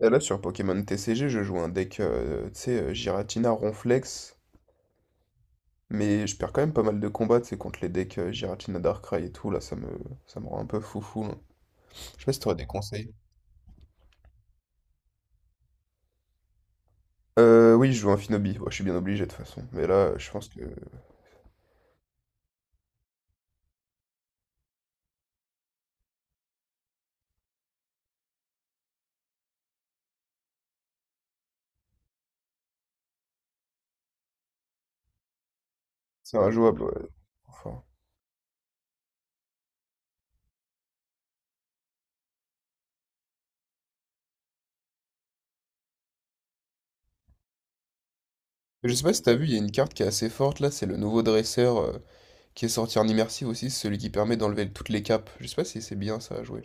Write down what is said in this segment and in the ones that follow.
Et là, sur Pokémon TCG, je joue un deck, tu sais, Giratina, Ronflex, mais je perds quand même pas mal de combats, tu sais, contre les decks Giratina, Darkrai et tout, là, ça me rend un peu foufou, là. Je sais pas si t'aurais des conseils. Oui, je joue un Finobi. Ouais, je suis bien obligé, de toute façon, mais là, je pense que c'est injouable, ouais. Enfin. Je sais pas si t'as vu, il y a une carte qui est assez forte, là, c'est le nouveau dresseur qui est sorti en immersive aussi, c'est celui qui permet d'enlever toutes les capes. Je sais pas si c'est bien ça à jouer.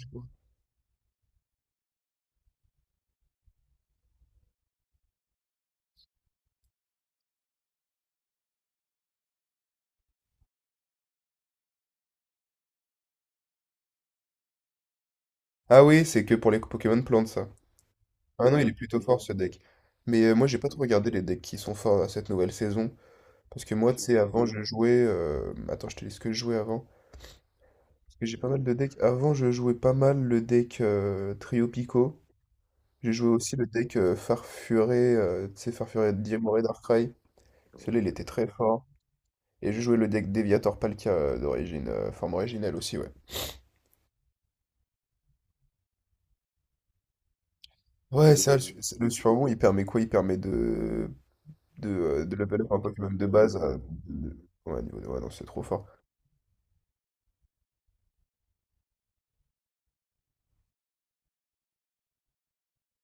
Ah oui, c'est que pour les Pokémon plantes, ça. Ah non, il est plutôt fort ce deck. Mais moi, j'ai pas trop regardé les decks qui sont forts à cette nouvelle saison. Parce que moi, tu sais, avant, je jouais. Attends, je te dis ce que je jouais avant. Parce que j'ai pas mal de decks. Avant, je jouais pas mal le deck Trio Pico. J'ai joué aussi le deck Farfuré. Tu sais, Farfuré Diamoré Darkrai. Celui-là, il était très fort. Et j'ai joué le deck Deviator Palkia d'origine, forme originale aussi, ouais. Ouais, ça, le surbond, il permet quoi? Il permet de level up un Pokémon de base. De- Ouais, ouais, non, c'est trop fort.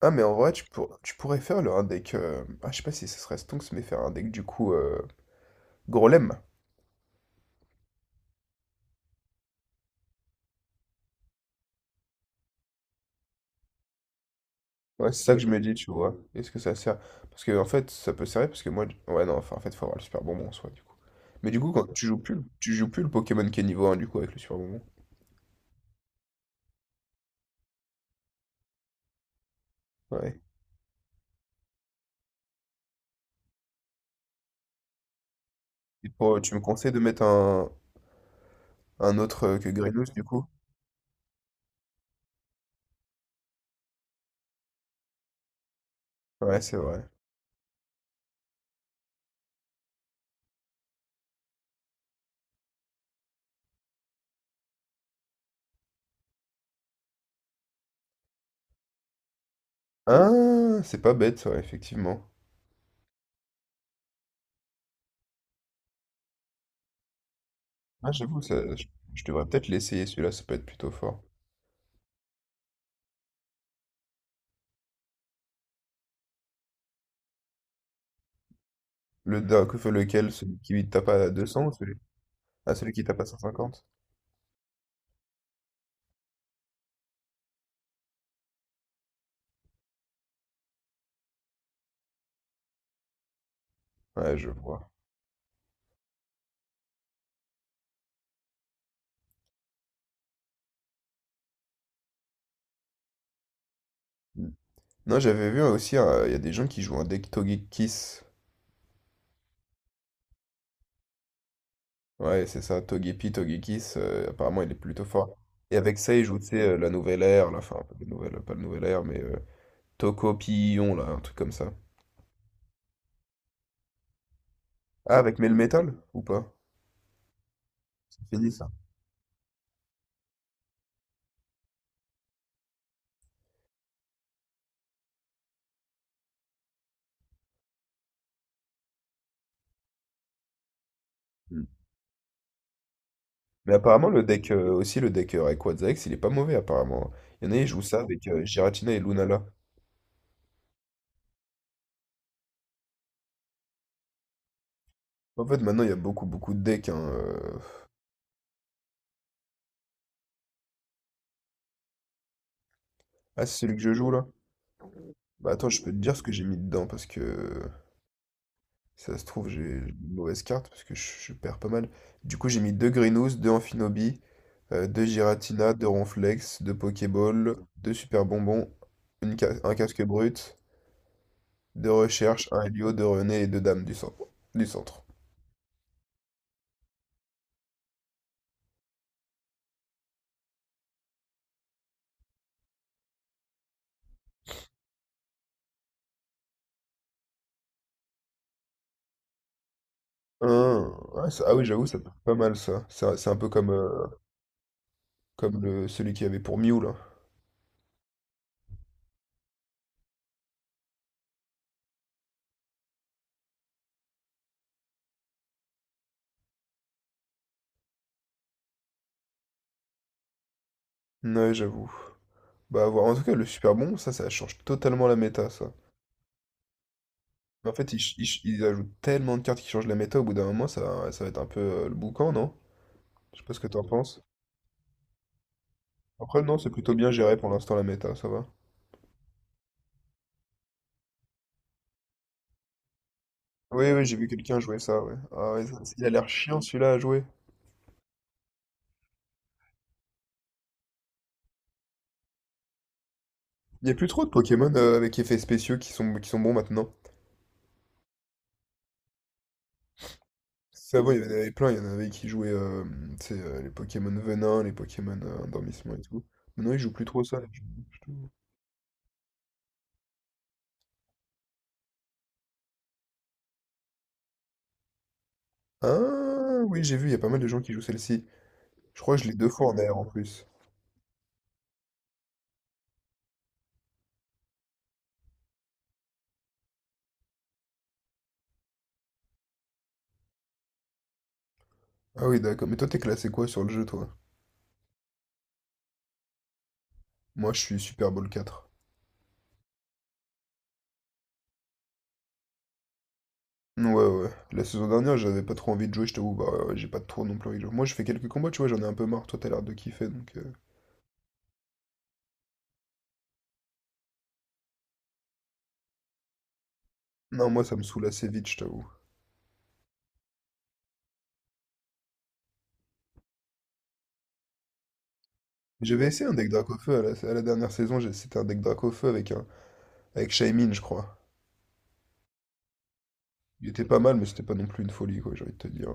Ah, mais en vrai, tu pourrais faire un deck. Ah, je sais pas si ce serait Stonks, mais faire un deck du coup Grolem. Ouais, c'est ça que je me dis, tu vois. Est-ce que ça sert? Parce que en fait, ça peut servir parce que moi. Ouais, non, enfin, en fait, faut avoir le super bonbon en soi, du coup. Mais du coup, quand tu joues plus le Pokémon qui est niveau un du coup, avec le super bonbon. Ouais. Et tu me conseilles de mettre un autre que Greenhouse, du coup? Ouais, c'est vrai. Ah, c'est pas bête, ouais, effectivement. Ah, j'avoue, je devrais peut-être l'essayer, celui-là, ça peut être plutôt fort. Le, d'un- Lequel, celui qui tape à 200 ou celui... Ah, celui qui tape à 150? Ouais, je vois. Hmm. Non, j'avais vu aussi, il y a des gens qui jouent un deck Togekiss. Ouais, c'est ça, Togepi, Togekiss, apparemment il est plutôt fort. Et avec ça, il joue, tu sais, la nouvelle ère, là, enfin, pas la nouvelle ère, mais Tokopillon, là, un truc comme ça. Ah, avec Melmetal, ou pas? C'est dit ça. Hmm. Mais apparemment, le deck Rayquaza X, il est pas mauvais, apparemment. Il y en a, ils jouent ça avec Giratina et Lunala. En fait, maintenant, il y a beaucoup, beaucoup de decks, hein, Ah, c'est celui que je joue, là? Bah attends, je peux te dire ce que j'ai mis dedans parce que ça se trouve, j'ai une mauvaise carte parce que je perds pas mal. Du coup, j'ai mis deux Grinous, deux Amphinobi, deux Giratina, deux Ronflex, deux Pokéball, deux Super Bonbons, un casque brut, deux Recherches, un Helio, deux René et deux Dames du centre. Du centre. Hein, ouais, ah oui, j'avoue, ça peut être pas mal ça. C'est un peu comme comme celui qu'il y avait pour Mew, là. Ouais, j'avoue. Bah, à voir. En tout cas, le super bon, ça change totalement la méta, ça. Mais en fait, ils ajoutent tellement de cartes qui changent la méta, au bout d'un moment, ça va être un peu le boucan, non? Je sais pas ce que t'en penses. Après, non, c'est plutôt bien géré pour l'instant, la méta, ça va. Oui, oui, j'ai vu quelqu'un jouer ça, ouais. Il a l'air chiant celui-là à jouer. Il n'y a plus trop de Pokémon avec effets spéciaux qui sont bons maintenant. C'est avant, il y en avait plein, il y en avait qui jouaient tu sais, les Pokémon venin, les Pokémon endormissement et tout. Maintenant, ils jouent plus trop ça, les gens. Ah oui, j'ai vu, il y a pas mal de gens qui jouent celle-ci. Je crois que je l'ai deux fois en air en plus. Ah oui, d'accord. Mais toi, t'es classé quoi sur le jeu, toi? Moi, je suis Super Bowl quatre. Ouais, ouais. La saison dernière, j'avais pas trop envie de jouer, je t'avoue. Bah, ouais, j'ai pas trop non plus envie de jouer. Moi, je fais quelques combats, tu vois, j'en ai un peu marre. Toi, t'as l'air de kiffer, donc. Non, moi ça me saoule assez vite, je t'avoue. J'avais essayé un deck Dracaufeu à à la dernière saison, c'était un deck Dracaufeu avec un avec Shaymin, je crois. Il était pas mal, mais c'était pas non plus une folie, quoi, j'ai envie de te dire.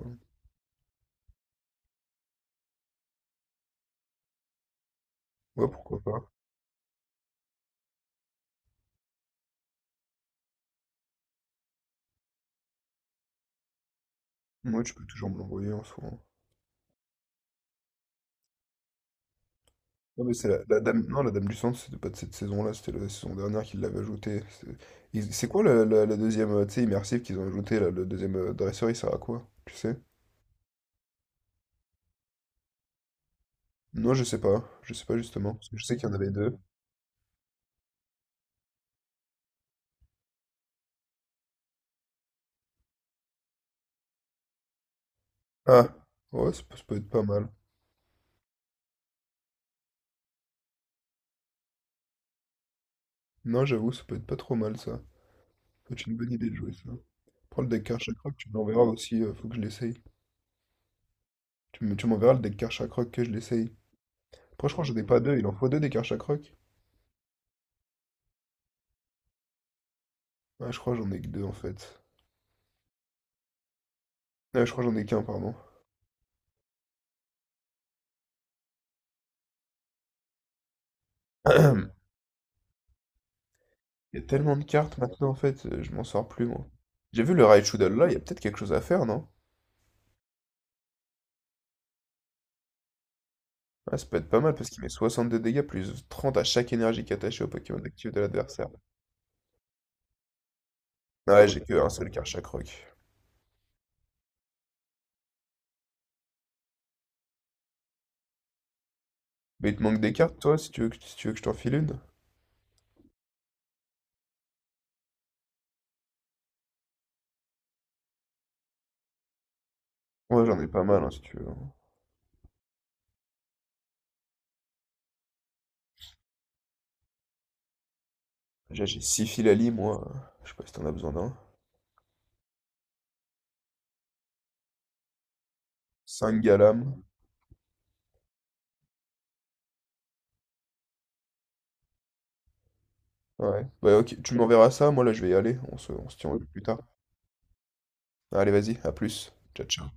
Ouais, pourquoi pas. Moi, tu peux toujours me l'envoyer en soi, hein. Non, mais c'est la dame. Non, la dame du centre, c'était pas de cette saison-là, c'était la saison dernière qu'ils l'avaient ajouté. C'est quoi la deuxième, tu sais, immersive qu'ils ont ajouté, là, le deuxième dresseur, il sert à quoi? Tu sais? Non, je sais pas. Je sais pas justement. Parce que je sais qu'il y en avait deux. Ah! Ouais, ça peut être pas mal. Non, j'avoue, ça peut être pas trop mal ça. C'est une bonne idée de jouer ça. Prends le deck cache Chakrak, tu m'enverras aussi, faut que je l'essaye. Tu m'enverras le deck cache Chakrak que je l'essaye. Après, je crois que j'en ai pas deux, il en faut deux des cartes Chakrak. Ah, je crois que j'en ai que deux en fait. Ah, je crois que j'en ai qu'un, pardon. Il y a tellement de cartes maintenant en fait, je m'en sors plus moi. J'ai vu le Raichu Doll, là, il y a peut-être quelque chose à faire, non? Ah, ça peut être pas mal parce qu'il met 60 de dégâts plus 30 à chaque énergie attachée au Pokémon actif de l'adversaire. Ouais, j'ai que un seul carte Chakrak. Mais il te manque des cartes toi si tu veux si tu veux que je t'en file une? Ouais, j'en ai pas mal hein, si tu veux, hein. Déjà, j'ai 6 fils à lit, moi. Je sais pas si t'en as besoin d'un. 5 galames. Ouais. Bah, ok, tu m'enverras ça. Moi, là, je vais y aller. On se tient au jeu plus tard. Allez, vas-y, à plus. Ciao, ciao.